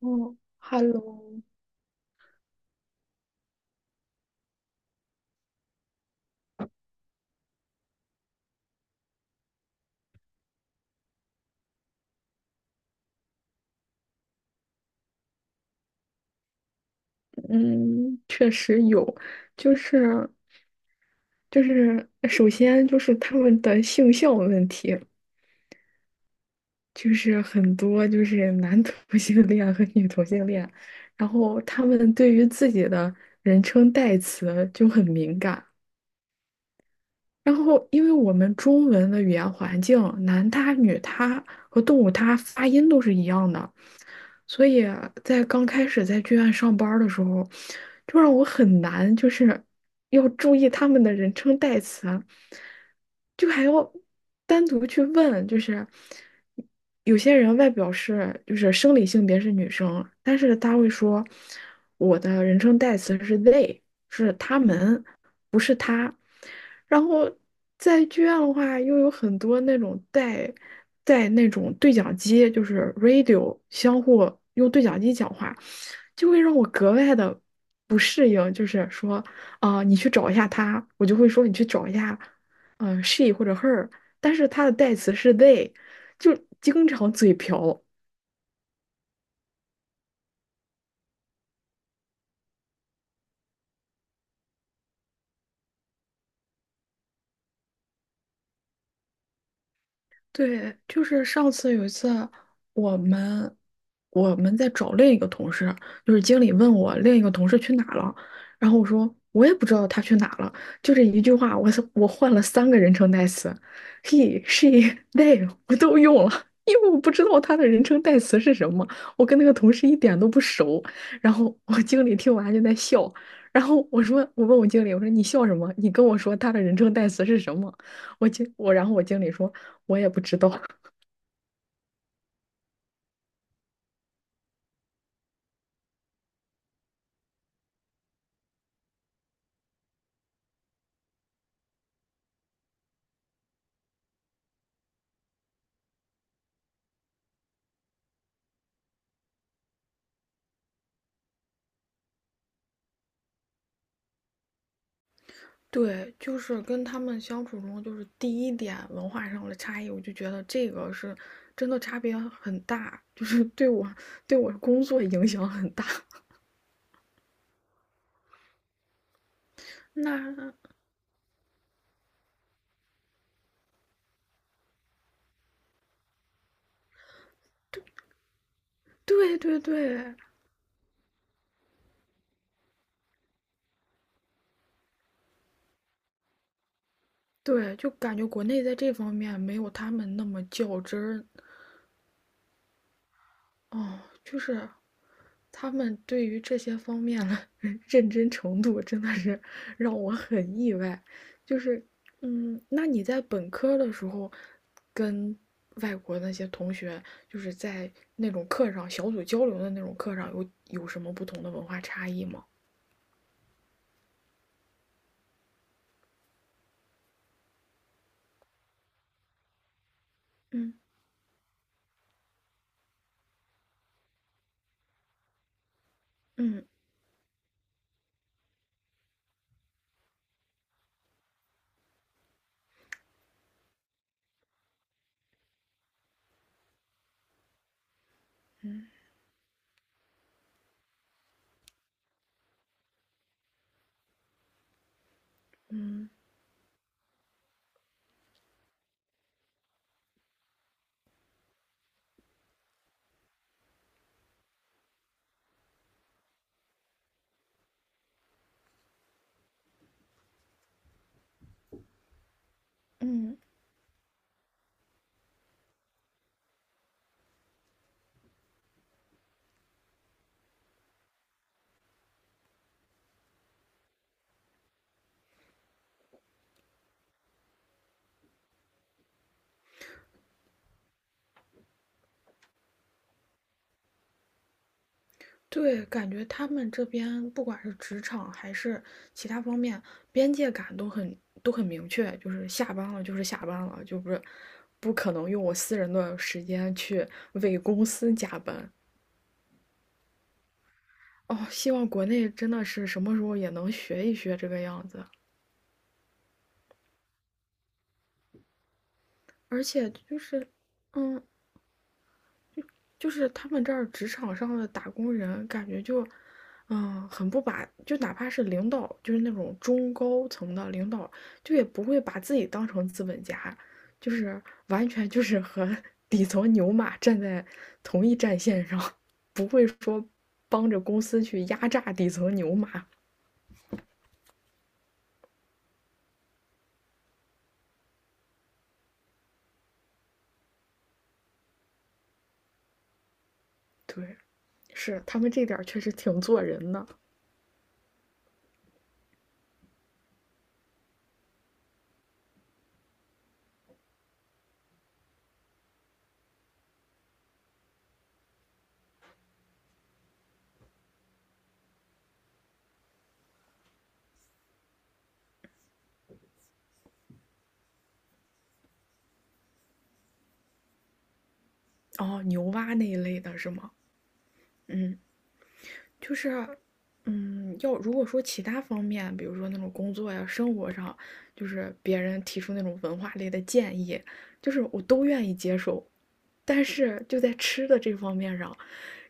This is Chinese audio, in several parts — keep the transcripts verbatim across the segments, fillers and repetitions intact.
哦，Hello，嗯，确实有，就是就是首先就是他们的性向问题，就是很多就是男同性恋和女同性恋，然后他们对于自己的人称代词就很敏感，然后，因为我们中文的语言环境，男他、女他和动物他发音都是一样的，所以在刚开始在剧院上班儿的时候，就让我很难，就是要注意他们的人称代词，就还要单独去问，就是有些人外表是就是生理性别是女生，但是他会说我的人称代词是 they，是他们。然后在剧院的话，又有很多那种带带那种对讲机，就是 radio 相互用对讲机讲话，就会让我格外的不适应。就是说，啊、你去找一下他，我就会说你去找一下，嗯、s h e 或者 her，但是他的代词是 they，就经常嘴瓢。对，就是上次有一次，我们我们在找另一个同事，就是经理问我另一个同事去哪了，然后我说我也不知道他去哪了，就这一句话，我是我换了三个人称代词，he、she、they 我都用了，因为我不知道他的人称代词是什么，我跟那个同事一点都不熟，然后我经理听完就在笑，然后我说我问我经理，我说你笑什么？你跟我说他的人称代词是什么？我经我，然后我经理说，我也不知道。对，就是跟他们相处中，就是第一点文化上的差异，我就觉得这个是真的差别很大，就是 对我对我工作影响很大。那 对对对对，就感觉国内在这方面没有他们那么较真儿，哦，就是他们对于这些方面的 认真程度，真的是让我很意外。就是，嗯，那你在本科的时候，跟外国那些同学，就是在那种课上小组交流的那种课上，有有什么不同的文化差异吗？嗯嗯嗯嗯。对，感觉他们这边不管是职场还是其他方面，边界感都很都很明确，就是下班了就是下班了，就不是不可能用我私人的时间去为公司加班。哦，希望国内真的是什么时候也能学一学这个样子，而且就是，嗯，就是他们这儿职场上的打工人，感觉就，嗯，很不把，就哪怕是领导，就是那种中高层的领导，就也不会把自己当成资本家，就是完全就是和 底层牛马站在同一战线上，不会说帮着公司去压榨底层牛马。对，是他们这点儿确实挺做人的。哦，牛蛙那一类的是吗？嗯。就是，嗯，要如果说其他方面，比如说那种工作呀、生活上，就是别人提出那种文化类的建议，就是我都愿意接受。但是就在吃的这方面上，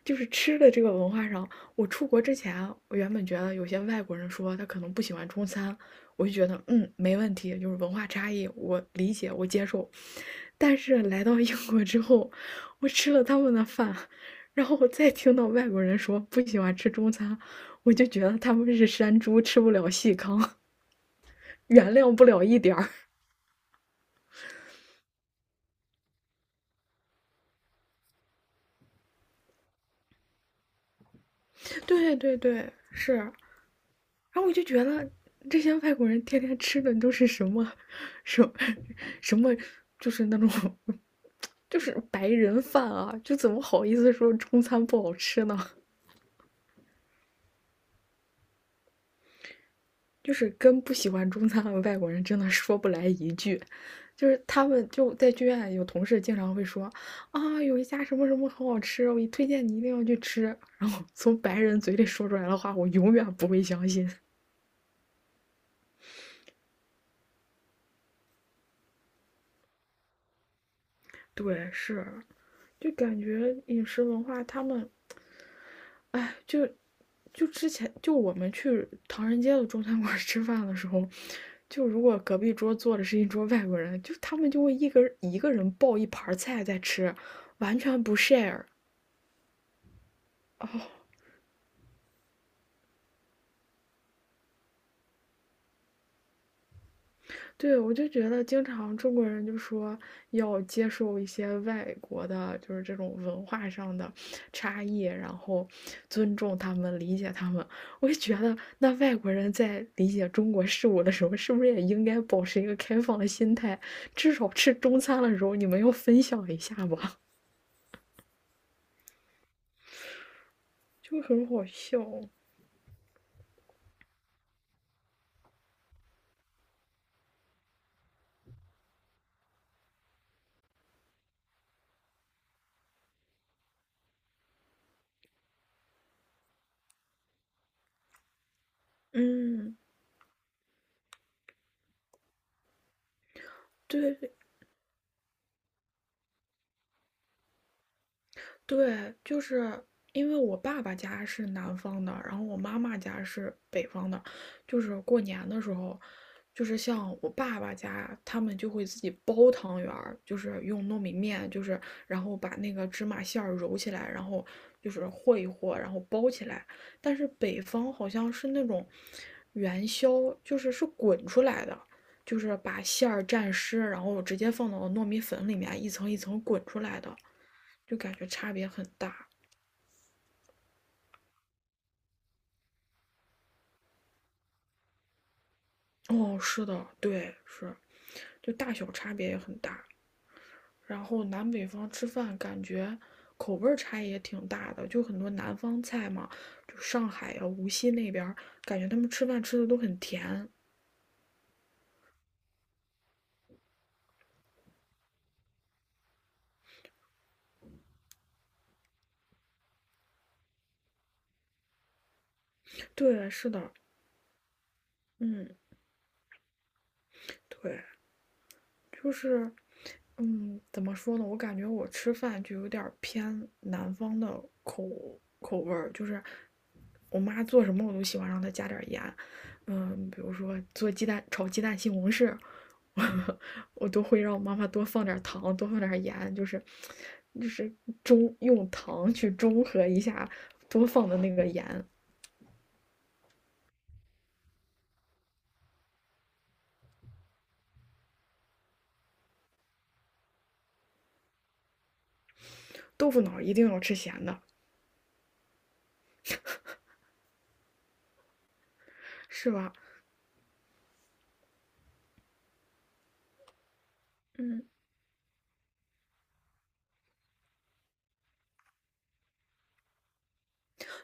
就是吃的这个文化上，我出国之前啊，我原本觉得有些外国人说他可能不喜欢中餐，我就觉得嗯没问题，就是文化差异，我理解，我接受。但是来到英国之后，我吃了他们的饭，然后我再听到外国人说不喜欢吃中餐，我就觉得他们是山猪，吃不了细糠，原谅不了一点儿。对对对，是。然后我就觉得这些外国人天天吃的都是什么，什么什么，就是那种，就是白人饭啊，就怎么好意思说中餐不好吃呢？就是跟不喜欢中餐的外国人真的说不来一句，就是他们就在剧院有同事经常会说啊，有一家什么什么很好吃，我一推荐你一定要去吃。然后从白人嘴里说出来的话，我永远不会相信。对，是，就感觉饮食文化他们哎，就就之前就我们去唐人街的中餐馆吃饭的时候，就如果隔壁桌坐的是一桌外国人，就他们就会一个一个人抱一盘菜在吃，完全不 share。哦，对，我就觉得经常中国人就说要接受一些外国的，就是这种文化上的差异，然后尊重他们、理解他们。我就觉得，那外国人在理解中国事物的时候，是不是也应该保持一个开放的心态？至少吃中餐的时候，你们要分享一下吧，就很好笑。嗯，对，对，就是因为我爸爸家是南方的，然后我妈妈家是北方的，就是过年的时候，就是像我爸爸家，他们就会自己包汤圆儿，就是用糯米面，就是然后把那个芝麻馅儿揉起来，然后就是和一和，然后包起来。但是北方好像是那种元宵，就是是滚出来的。就是把馅儿蘸湿，然后直接放到糯米粉里面，一层一层滚出来的。就感觉差别很大。哦，是的，对，是，就大小差别也很大。然后南北方吃饭感觉口味儿差异也挺大的，就很多南方菜嘛，就上海呀、无锡那边儿，感觉他们吃饭吃的都很甜。对，是的，嗯，对，就是嗯，怎么说呢？我感觉我吃饭就有点儿偏南方的口口味儿，就是我妈做什么我都喜欢让她加点儿盐。嗯，比如说做鸡蛋炒鸡蛋西红柿，我我都会让我妈妈多放点儿糖，多放点儿盐，就是就是中用糖去中和一下多放的那个盐。豆腐脑儿一定要吃咸的，是吧？嗯，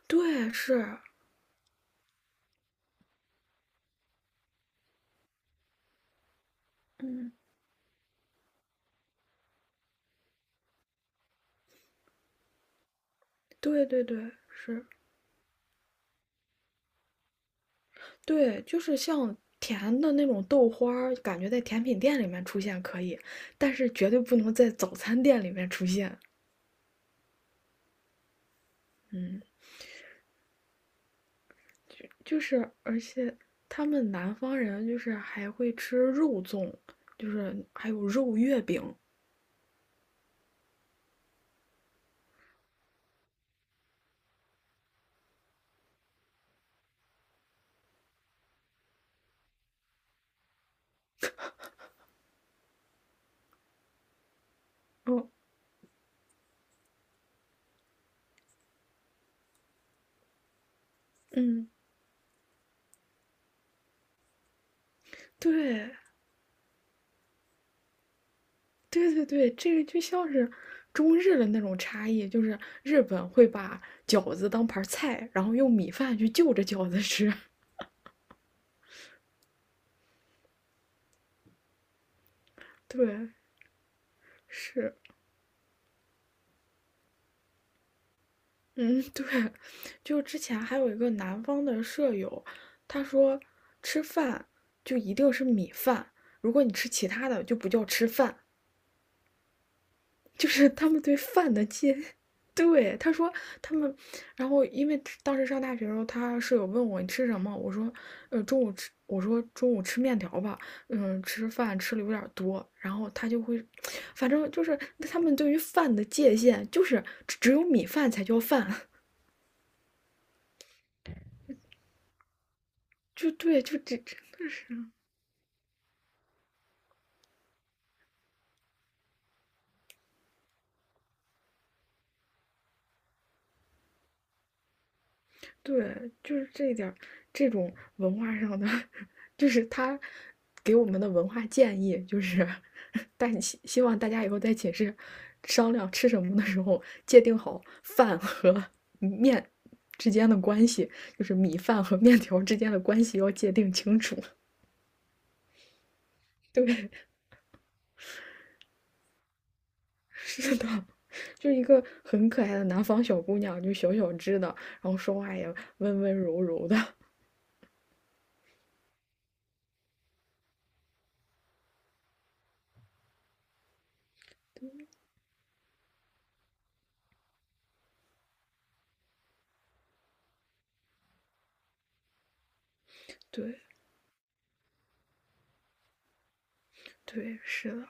对，是，嗯，对对对，是。对，就是像甜的那种豆花儿，感觉在甜品店里面出现可以，但是绝对不能在早餐店里面出现。嗯，就是而且他们南方人就是还会吃肉粽，就是还有肉月饼。嗯嗯，对对对对，这个就像是中日的那种差异，就是日本会把饺子当盘儿菜，然后用米饭去就着饺子吃。对，是。嗯，对，就之前还有一个南方的舍友，他说吃饭就一定是米饭，如果你吃其他的就不叫吃饭，就是他们对饭的界。对，他说他们，然后因为当时上大学的时候，他舍友问我你吃什么，我说，呃，中午吃，我说中午吃面条吧，嗯，吃饭吃的有点儿多，然后他就会，反正就是他们对于饭的界限就是只只有米饭才叫饭。就对，就这真的是，对，就是这一点这种文化上的，就是他给我们的文化建议，就是但希希望大家以后在寝室商量吃什么的时候，界定好饭和面之间的关系，就是米饭和面条之间的关系要界定清楚。对，是的。就一个很可爱的南方小姑娘，就小小只的，然后说话也温温柔柔的。对对，是的。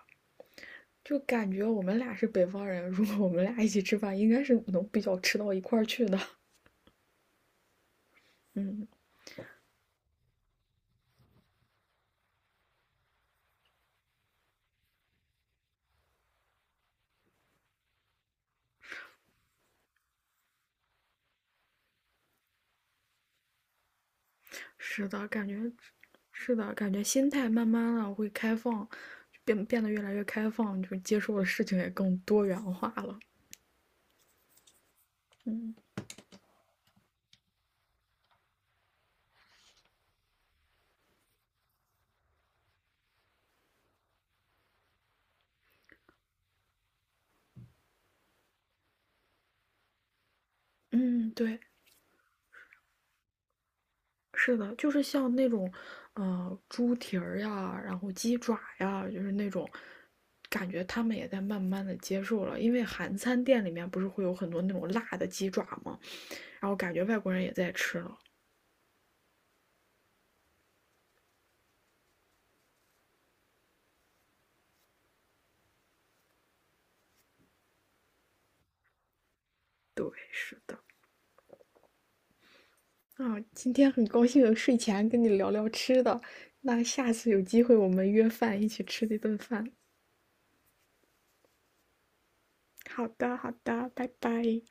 就感觉我们俩是北方人，如果我们俩一起吃饭，应该是能比较吃到一块儿去的。嗯，是的，感觉是的，感觉心态慢慢的会开放，变变得越来越开放，就接受的事情也更多元化了。嗯嗯，对，是的，就是像那种，呃，猪蹄儿呀，然后鸡爪呀，就是那种。感觉他们也在慢慢的接受了，因为韩餐店里面不是会有很多那种辣的鸡爪吗？然后感觉外国人也在吃了，对，是的。啊，今天很高兴睡前跟你聊聊吃的，那下次有机会我们约饭一起吃一顿饭。好的，好的，拜拜。